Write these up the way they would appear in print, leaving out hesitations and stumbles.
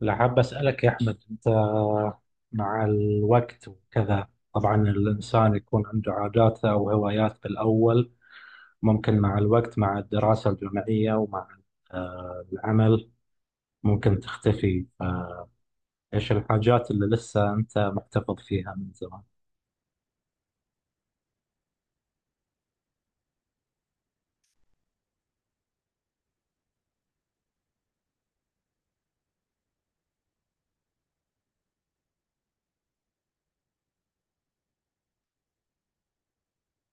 لا، حاب أسألك يا أحمد. أنت مع الوقت وكذا، طبعا الإنسان يكون عنده عاداته أو هوايات بالأول. ممكن مع الوقت، مع الدراسة الجامعية، ومع العمل ممكن تختفي. فإيش الحاجات اللي لسه أنت محتفظ فيها من زمان؟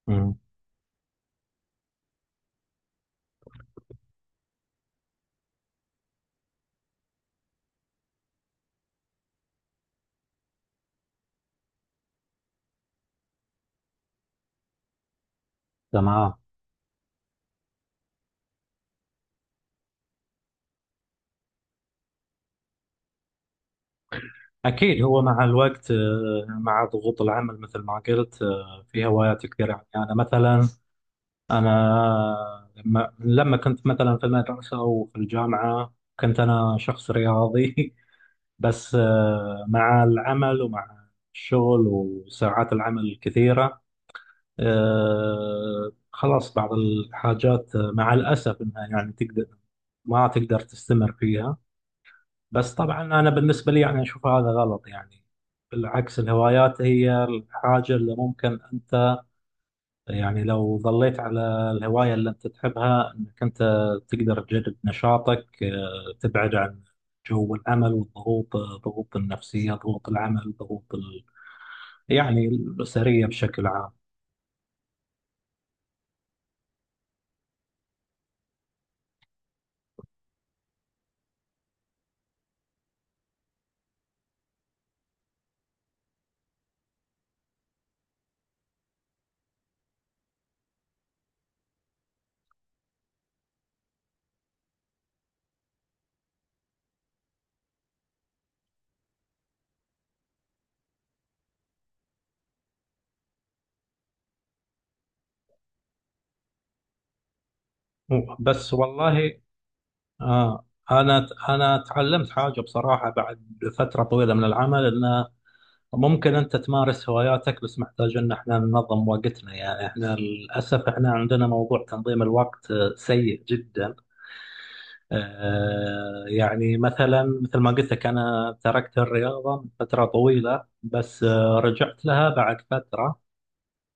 مم، تمام. أكيد، هو مع الوقت، مع ضغوط العمل مثل ما قلت، في هوايات كثيرة. يعني أنا مثلا، أنا لما كنت مثلا في المدرسة وفي الجامعة كنت أنا شخص رياضي. بس مع العمل ومع الشغل وساعات العمل الكثيرة، خلاص بعض الحاجات، مع الأسف إنها يعني ما تقدر تستمر فيها. بس طبعا أنا بالنسبة لي يعني أشوف هذا غلط، يعني بالعكس، الهوايات هي الحاجة اللي ممكن أنت، يعني لو ظليت على الهواية اللي أنت تحبها، أنك أنت تقدر تجدد نشاطك، تبعد عن جو العمل والضغوط، ضغوط النفسية، ضغوط العمل، ضغوط يعني الأسرية بشكل عام. بس والله آه أنا تعلمت حاجة بصراحة، بعد فترة طويلة من العمل، أنه ممكن أنت تمارس هواياتك بس محتاج أن احنا ننظم وقتنا. يعني احنا للأسف احنا عندنا موضوع تنظيم الوقت سيء جدا. يعني مثلا، مثل ما قلت لك، أنا تركت الرياضة من فترة طويلة بس رجعت لها بعد فترة،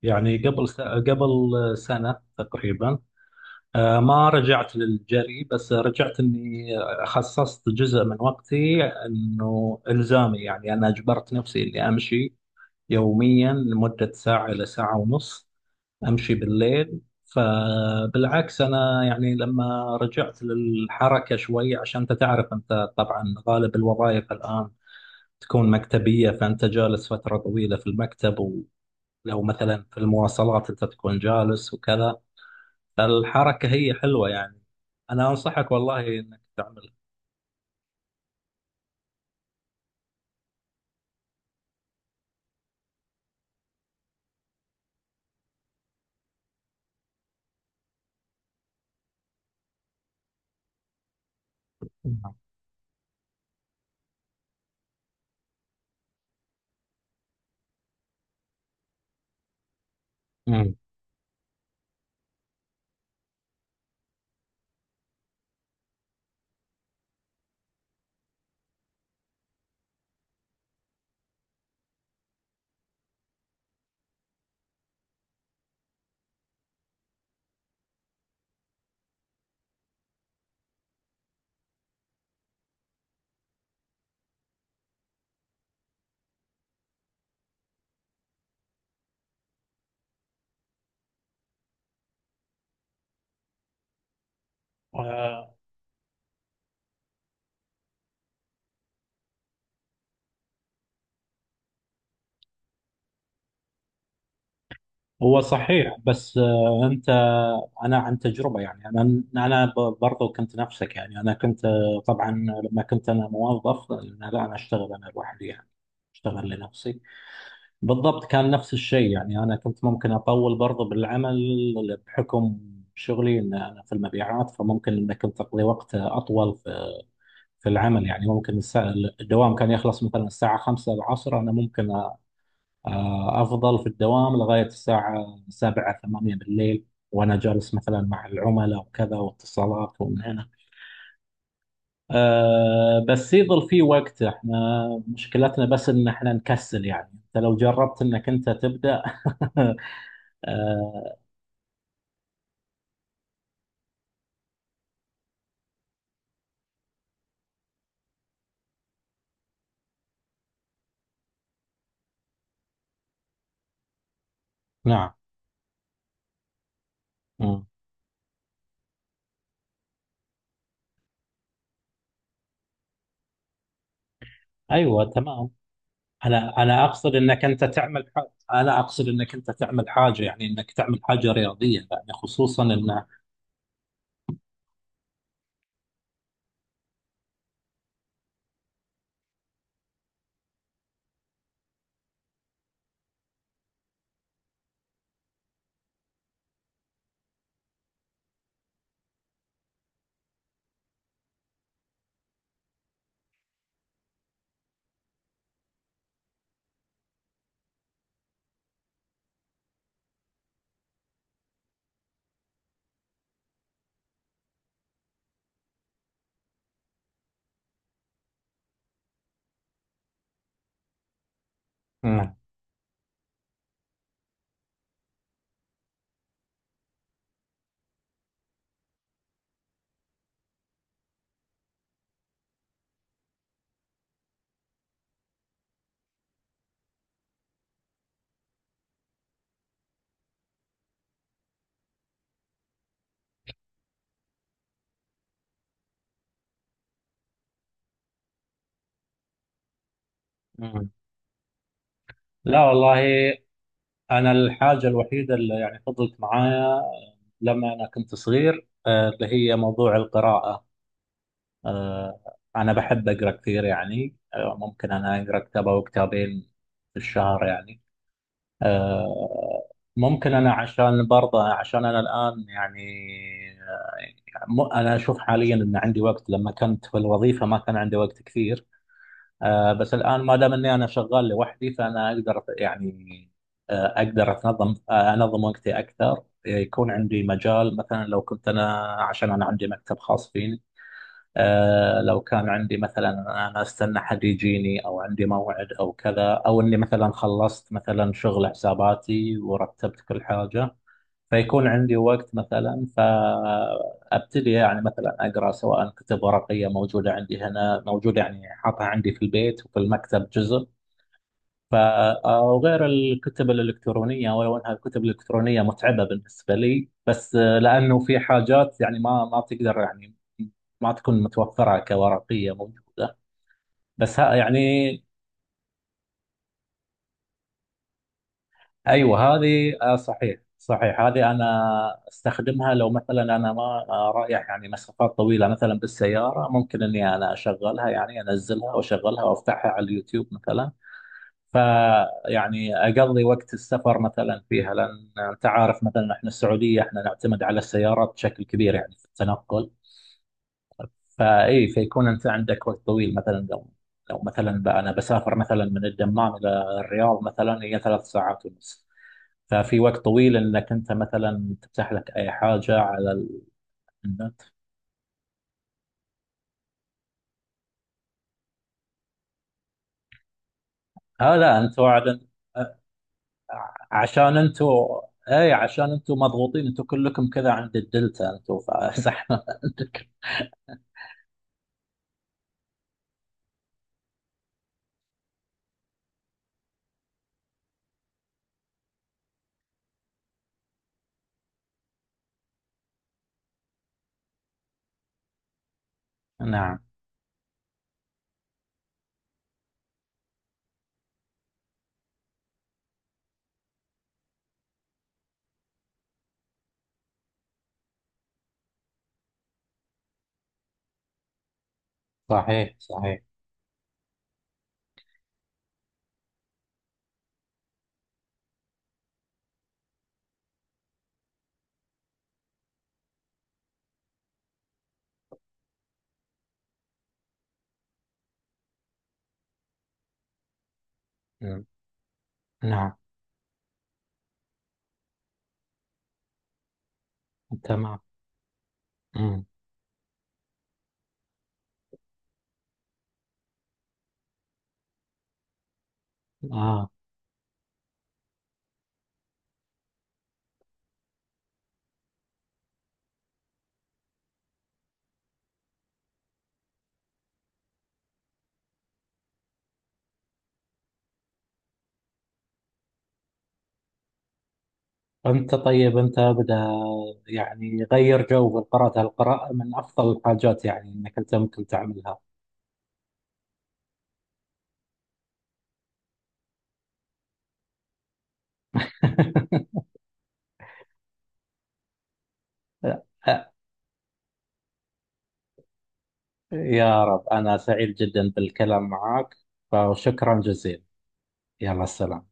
يعني قبل قبل سنة تقريبا. ما رجعت للجري، بس رجعت إني خصصت جزء من وقتي إنه إلزامي. يعني أنا أجبرت نفسي إني أمشي يوميا لمدة ساعة إلى ساعة ونص. امشي بالليل، فبالعكس انا، يعني لما رجعت للحركه شوي، عشان انت تعرف، انت طبعا غالب الوظائف الان تكون مكتبيه، فانت جالس فتره طويله في المكتب، ولو مثلا في المواصلات انت تكون جالس وكذا، فالحركه هي حلوه يعني، انا انصحك والله انك تعملها. مم. هو صحيح، بس انا عن تجربه، يعني انا برضو كنت نفسك. يعني انا كنت طبعا لما كنت انا موظف، لا انا اشتغل انا لوحدي يعني، اشتغل لنفسي. بالضبط كان نفس الشيء، يعني انا كنت ممكن اطول برضو بالعمل بحكم شغلي، ان انا في المبيعات، فممكن ان كنت اقضي وقت اطول في العمل. يعني ممكن الدوام كان يخلص مثلا الساعه 5 العصر، انا ممكن أفضل في الدوام لغاية الساعة سبعة ثمانية بالليل، وأنا جالس مثلا مع العملاء وكذا واتصالات ومن هنا. بس يظل في وقت. احنا مشكلتنا بس ان احنا نكسل، يعني انت لو جربت انك انت تبدأ. أه، نعم. مم. ايوه، تمام. انا اقصد انك انت تعمل حاجة، يعني انك تعمل حاجة رياضية، يعني خصوصا ان. مم. مم. لا والله، أنا الحاجة الوحيدة اللي يعني فضلت معايا لما أنا كنت صغير اللي هي موضوع القراءة. آه، أنا بحب أقرأ كثير. يعني ممكن أنا أقرأ كتاب أو كتابين في الشهر يعني. آه، ممكن أنا عشان برضه عشان أنا الآن يعني، أنا أشوف حاليا أن عندي وقت. لما كنت في الوظيفة ما كان عندي وقت كثير، بس الآن ما دام إني أنا شغال لوحدي، فأنا أقدر يعني، أقدر أتنظم آه أنظم وقتي أكثر. يكون عندي مجال، مثلا لو كنت أنا، عشان أنا عندي مكتب خاص فيني، آه لو كان عندي مثلا، أنا أستنى حد يجيني أو عندي موعد أو كذا، أو إني مثلا خلصت مثلا شغل حساباتي ورتبت كل حاجة، فيكون عندي وقت مثلا. فابتدي يعني مثلا اقرا، سواء كتب ورقيه موجوده عندي هنا، موجوده يعني حاطها عندي في البيت وفي المكتب جزء. ف او غير الكتب الالكترونيه، ولو انها الكتب الالكترونيه متعبه بالنسبه لي، بس لانه في حاجات يعني ما تقدر يعني ما تكون متوفره كورقيه موجوده. بس ها يعني، ايوه هذه صحيح صحيح. هذه انا استخدمها لو مثلا انا ما رايح يعني مسافات طويله مثلا بالسياره، ممكن انا اشغلها، يعني انزلها واشغلها وافتحها على اليوتيوب مثلا. فيعني اقضي وقت السفر مثلا فيها، لان انت عارف مثلا احنا السعوديه احنا نعتمد على السيارات بشكل كبير يعني في التنقل. فاي فيكون انت عندك وقت طويل، مثلا لو مثلا انا بسافر مثلا من الدمام الى الرياض، مثلا هي 3 ساعات ونص. ففي وقت طويل انك انت مثلا تفتح لك اي حاجه على النت. اه لا، انتوا على عشان انتوا، اي عشان انتوا مضغوطين انتوا كلكم كذا عند الدلتا انتوا. فصح. عندك نعم، صحيح صحيح. مم. نعم. تمام. مم. اه. انت طيب، انت ابدا، يعني غير جو بالقراءة، القراءة من افضل الحاجات يعني انك انت ممكن تعملها. يا رب، أنا سعيد جدا بالكلام معك، فشكرا جزيلا. يلا، السلام.